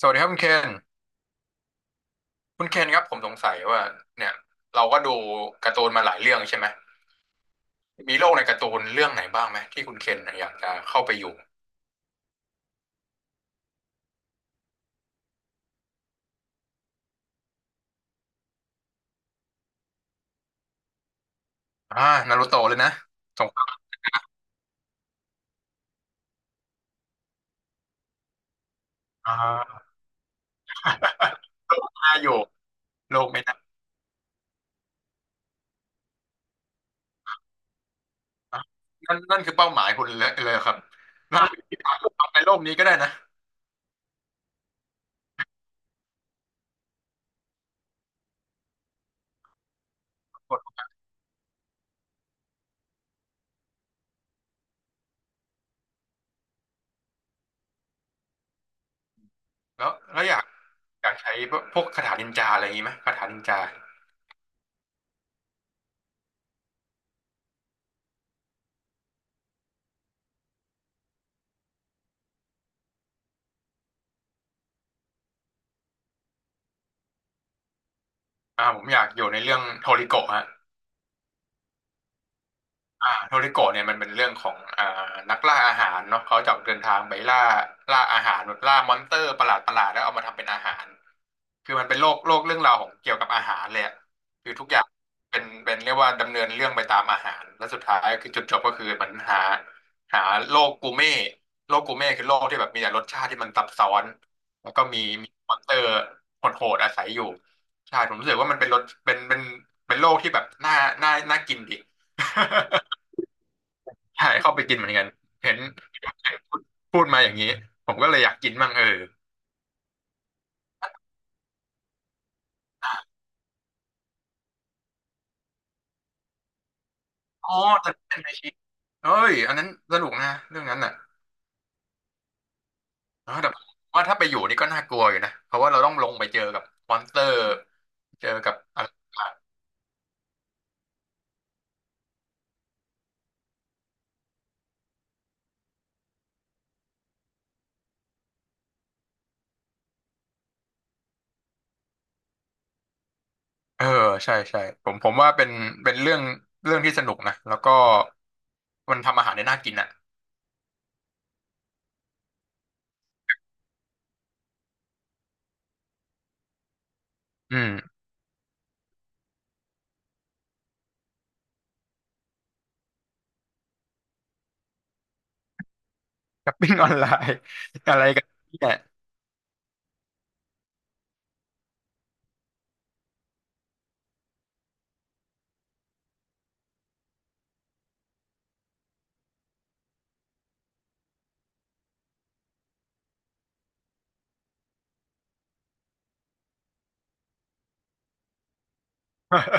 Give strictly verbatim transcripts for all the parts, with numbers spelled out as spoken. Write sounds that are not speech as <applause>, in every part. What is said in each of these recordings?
สวัสดีครับคุณเคนคุณเคนครับผมสงสัยว่าเนี่ยเราก็ดูการ์ตูนมาหลายเรื่องใช่ไหมมีโลกในการ์ตูนเรื่องไหนบ้างไหมที่คุณเคนอยากจะเข้าไปอยู่อ่านารูโตะเลยนะสงครามอ่าโลกน่าอยู่โลกไม่น่าอ่ะนั่นนั่นคือเป้าหมายคุณเลยเลยครับน่าทำในโลกนี้ก็ได้นะกดแล้วแล้วอยากอยากใช้พวกคาถานินจาอะไรอย่างนี้ไหมคาถานินจาอ่าผมอยากอยู่ในเรื่องโทริโกะฮะ อ่าโทริโกะเนี่ยมันเป็นเรื่องของอ่านักล่าอาหารเนาะเขาจะออกเดินทางไปล่าล่าอาหารแบบล่ามอนสเตอร์ประหลาดประหลาดแล้วเอามาทำเป็นอาหารคือมันเป็นโลกโลกเรื่องราวของเกี่ยวกับอาหารเลยอะคือทุกอย่างเป็นเป็นเรียกว่าดำเนินเรื่องไปตามอาหารแล้วสุดท้ายคือจุดจบก็คือมันหาหาโลกกูเม่โลกกูเม่คือโลกที่แบบมีแต่รสชาติที่มันซับซ้อนแล้วก็มีมีมอนสเตอร์โหดๆอาศัยอยู่ใช่ผมรู้สึกว่ามันเป็นรสเป็นเป็นเป็นโลกที่แบบน่าน่าน่ากินดิ ใช่เข้าไปกินเหมือนกันเห็นพูดพูดมาอย่างนี้ผมก็เลยอยากกินบ้างเอออ๋อแต่เป็นไอชีเอ้ยอันนั้นสนุกนะเรื่องนั้นน่ะเออแต่ว่าถ้าไปอยู่นี่ก็น่ากลัวอยู่นะเพราะว่าเราต้องลงไปเจอกับมอนสเตอร์เจอกับอะไรเออใช่ใช่ผมผมว่าเป็นเป็นเรื่องเรื่องที่สนุกนะแล้วก็มันทำอาหารได้น่ากินอ่ะอืมช้อปปิ้งออนไลน์อะไรกันเนี่ย <laughs>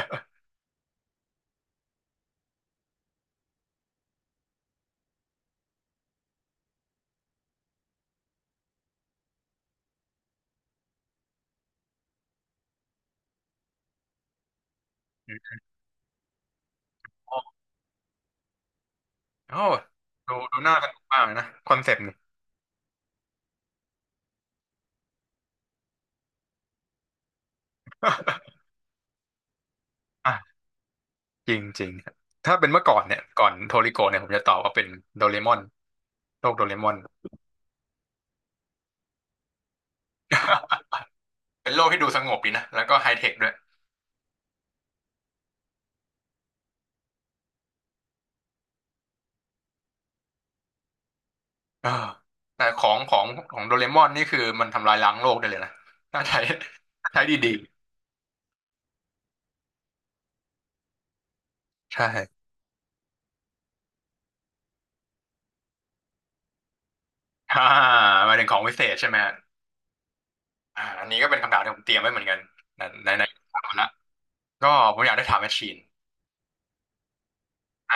โอ้โหดูดูน่าสนุกมากเลยนะคอนเซปต์นี่ <laughs> จริงจริงครับถ้าเป็นเมื่อก่อนเนี่ยก่อนโทริโกะเนี่ยผมจะตอบว่าเป็นโดเรมอนโลกโดเรมอน <laughs> เป็นโลกที่ดูสงบดีนะแล้วก็ไฮเทคด้วยเออแต่ของของของโดเรมอนนี่คือมันทำลายล้างโลกได้เลยนะถ้าใช้ <laughs> ใช้ดีๆใช่อ่าหมายถึงของวิเศษใช่ไหมฮะอ่าอันนี้ก็เป็นคำถามที่ผมเตรียมไว้เหมือนกันไหนไหนไหนถามมาละก็ผมอยากได้ถามแมชชีนอ่า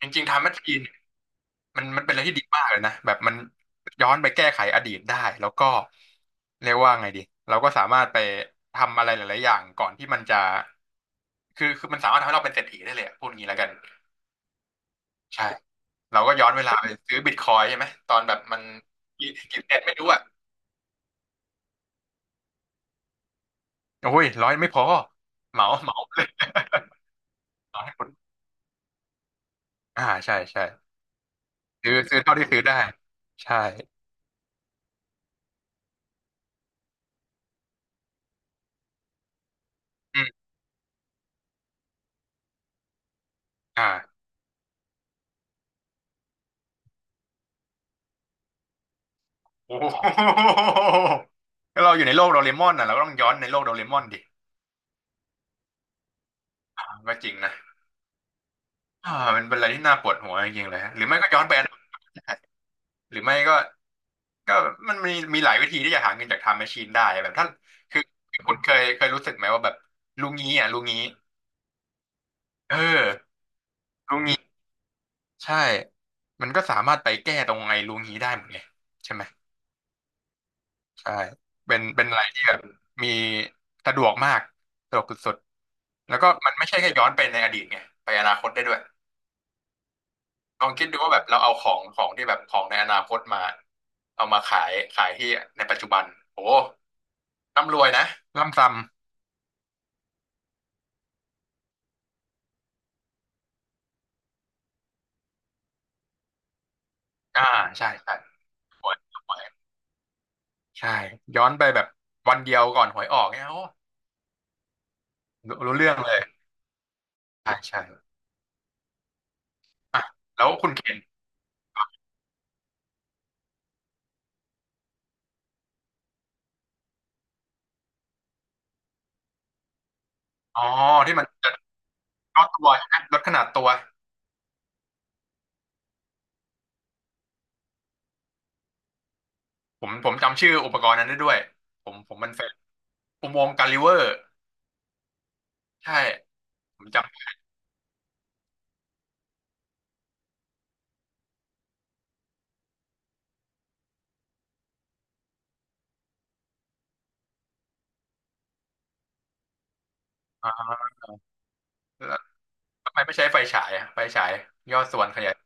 จริงๆถามแมชชีน มันมันเป็นอะไรที่ดีมากเลยนะแบบมันย้อนไปแก้ไขอดีตได้แล้วก็เรียกว่าไงดีเราก็สามารถไปทำอะไรหลายๆอย่างก่อนที่มันจะคือคือมันสามารถทำให้เราเป็นเศรษฐีได้เลยอะพูดงี้แล้วกันใช่เราก็ย้อนเวลาไปซื้อบิตคอยน์ใช่ไหมตอนแบบมันกี่กี่เซนไม่รู้อ่ะโอ้ยร้อยไม่พอเหมาเหมาเลย <laughs> ตออให้คนอ่าใช่ใช่ซื้อซื้อเท่าที่ซื้อได้ใช่อืมอ่าโอ้โห <laughs> ก็เราอยู่ในโลกโดเรมอนน่ะเราก็ต้องย้อนในโลกโดเรมอนดิ ก็จริงนะอ่ามันเป็นอะไรที่น่าปวดหัวจริงๆเลยฮะหรือไม่ก็ย้อนแบรนด์หรือไม่ก็ก็มันมีมีหลายวิธีที่จะหาเงินจากไทม์แมชชีนได้แบบท่านคือคุณเคยเคยรู้สึกไหมว่าแบบลุงงี้อ่ะลุงงี้เออลุงงี้ใช่มันก็สามารถไปแก้ตรงไอ้ลุงงี้ได้หมดไงใช่ไหมใช่เป็นเป็นอะไรที่แบบมีสะดวกมากสะดวกสุดๆแล้วก็มันไม่ใช่แค่ย้อนไปในอดีตไงไปอนาคตได้ด้วย ลองคิดดูว่าแบบเราเอาของของที่แบบของในอนาคตมาเอามาขายขายที่ในปัจจุบันโอ้ร่ำรวยนะร่ำซ้ำอ่าใช่ใช่รวยรวยใช่ย้อนไปแบบวันเดียวก่อนหวยออกเนี่ยโอ้รู้รู้เรื่องเลยใช่ใช่อ่ะแล้วคุณเคนอ๋อที่มันจะลดตัวใช่ไหมลดขนาดตัวผมผมจำชื่ออุปกรณ์นั้นได้ด้วยผมผมมันเฟซอุโมงค์กาลิเวอร์ใช่ผมจำอ่าแล้วทำไมไม่ใช้ไฟฉายอะไฟฉายย่อส่วนขยาย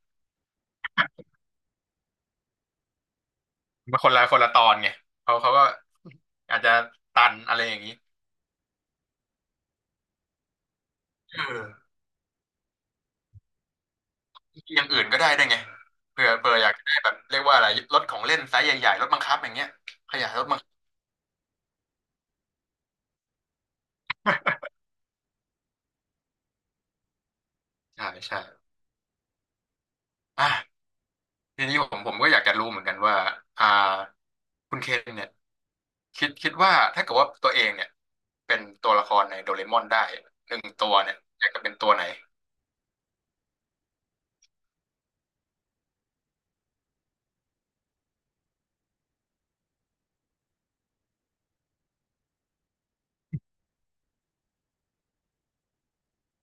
มันคนละคนละตอนไงเขาเขาก็อาจจะตันอะไรอย่างนี้เอออย่างอื่นก็ได้ได้วยไงเผื่อเผื่ออยากได้แบบเรียกว่าอะไรรถของเล่นไซส์ใหญ่ๆรถบังคับอย่างเงี้ยขยายรถบังคับใช่ใช่อ่ะทีนี้ผมผมก็อยากจะรู้เหมือนกันว่าอ่าคุณเคนเนี่ยคิดคิดว่าถ้าเกิดว่าตัวเองเนี่ยเป็นตัวละครในโดเรมอนได้หนึ่งตัวเนี่ยอยากจะเป็นตัวไหน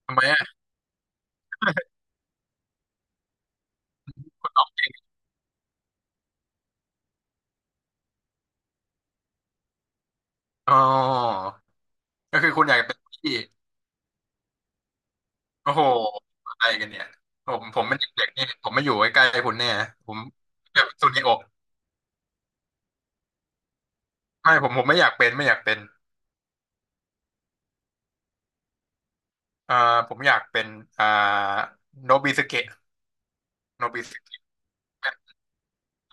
ทำไมอ่ะอ๋อก็คือคุณอยากจะเป็นพี่ โอ้โหอะไรกันเนี่ยผมผมเป็นเด็กๆนี่ผมไม่อยู่ใกล้ๆคุณแน่ผมแบากเปนซูนิโอะไม่ผมผมไม่อยากเป็นไม่อยากเป็นอ่าผมอยากเป็นอ่าโนบิสเกะโนบิสเกะเป็น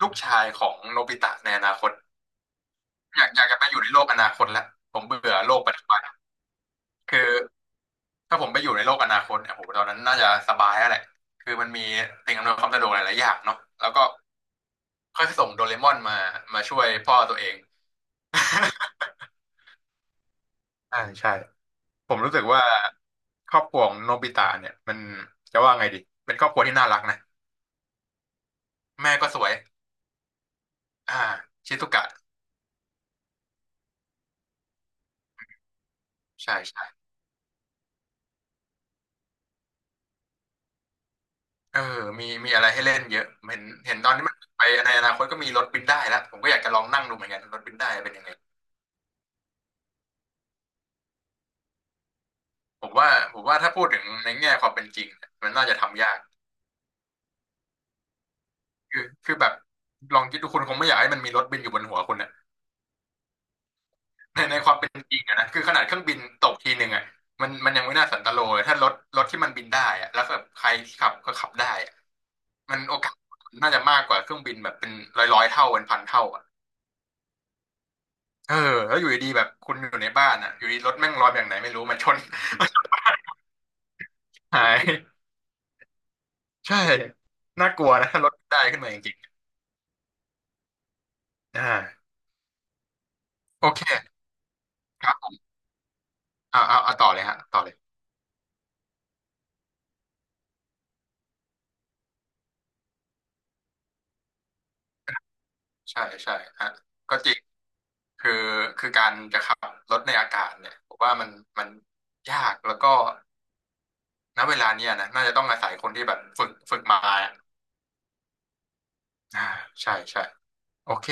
ลูกชายของโนบิตะในอนาคตอยากอยากจะไปอยู่ในโลกอนาคตแล้วผมเบื่อโลกปัจจุบันคือถ้าผมไปอยู่ในโลกอนาคตเนี่ยโหตอนนั้นน่าจะสบายแล้วแหละคือมันมีสิ่งอำนวยความสะดวกหลายๆอย่างเนาะแล้วก็ค่อยส่งโดเรมอนมามาช่วยพ่อตัวเอง <laughs> ใช่ใช่ ผมรู้สึกว่าครอบครัวของโนบิตะเนี่ยมันจะว่าไงดีเป็นครอบครัวที่น่ารักนะแม่ก็สวยอ่าชิซุกะใช่ใช่เออมีมีอะไรให้เล่นเยอะเห็นเห็นตอนนี้มันไปในอนาคตก็มีรถบินได้แล้วผมก็อยากจะลองนั่งดูเหมือนกันรถบินได้เป็นยังไงผมว่าผมว่าถ้าพูดถึงในแง่ความเป็นจริงเนี่ยมันน่าจะทำยากคือคือแบบลองคิดดูคุณคงไม่อยากให้มันมีรถบินอยู่บนหัวคุณนะ ในในความเป็นจริงอะนะคือขนาดเครื่องบินตกทีหนึ่งอะมันมันยังไม่น่าสันตโลเลยถ้ารถรถที่มันบินได้อะแล้วแบบใครที่ขับก็ขับได้อะมันโอกาสน่าจะมากกว่าเครื่องบินแบบเป็นร้อยร้อยเท่าเป็นพันเท่าอะเออแล้วอยู่ดีๆแบบคุณอยู่ในบ้านอะอยู่ดีรถแม่งลอยแบบไหนไม่รู้มาชน <laughs> มาชนหายใช่น่ากลัวนะถ้ารถได้ขึ้นมาจริงๆอ่าโอเคครับเอาเอาเอาต่อเลยฮะต่อเลยใช่ใช่ฮะก็จริง คือคือการจะขับรถในอากาศเนี่ยผมว่ามันมันยากแล้วก็ณเวลาเนี้ยนะน่าจะต้องอาศัยคนที่แบบฝึกฝึกมาอ่าใช่ใช่โอเค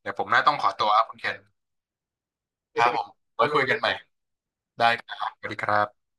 เดี๋ยวผมน่าต้องขอตัวครับคุณเคนครับผมไว้คุยกันใหม่ได้ครับสวัสดีครับ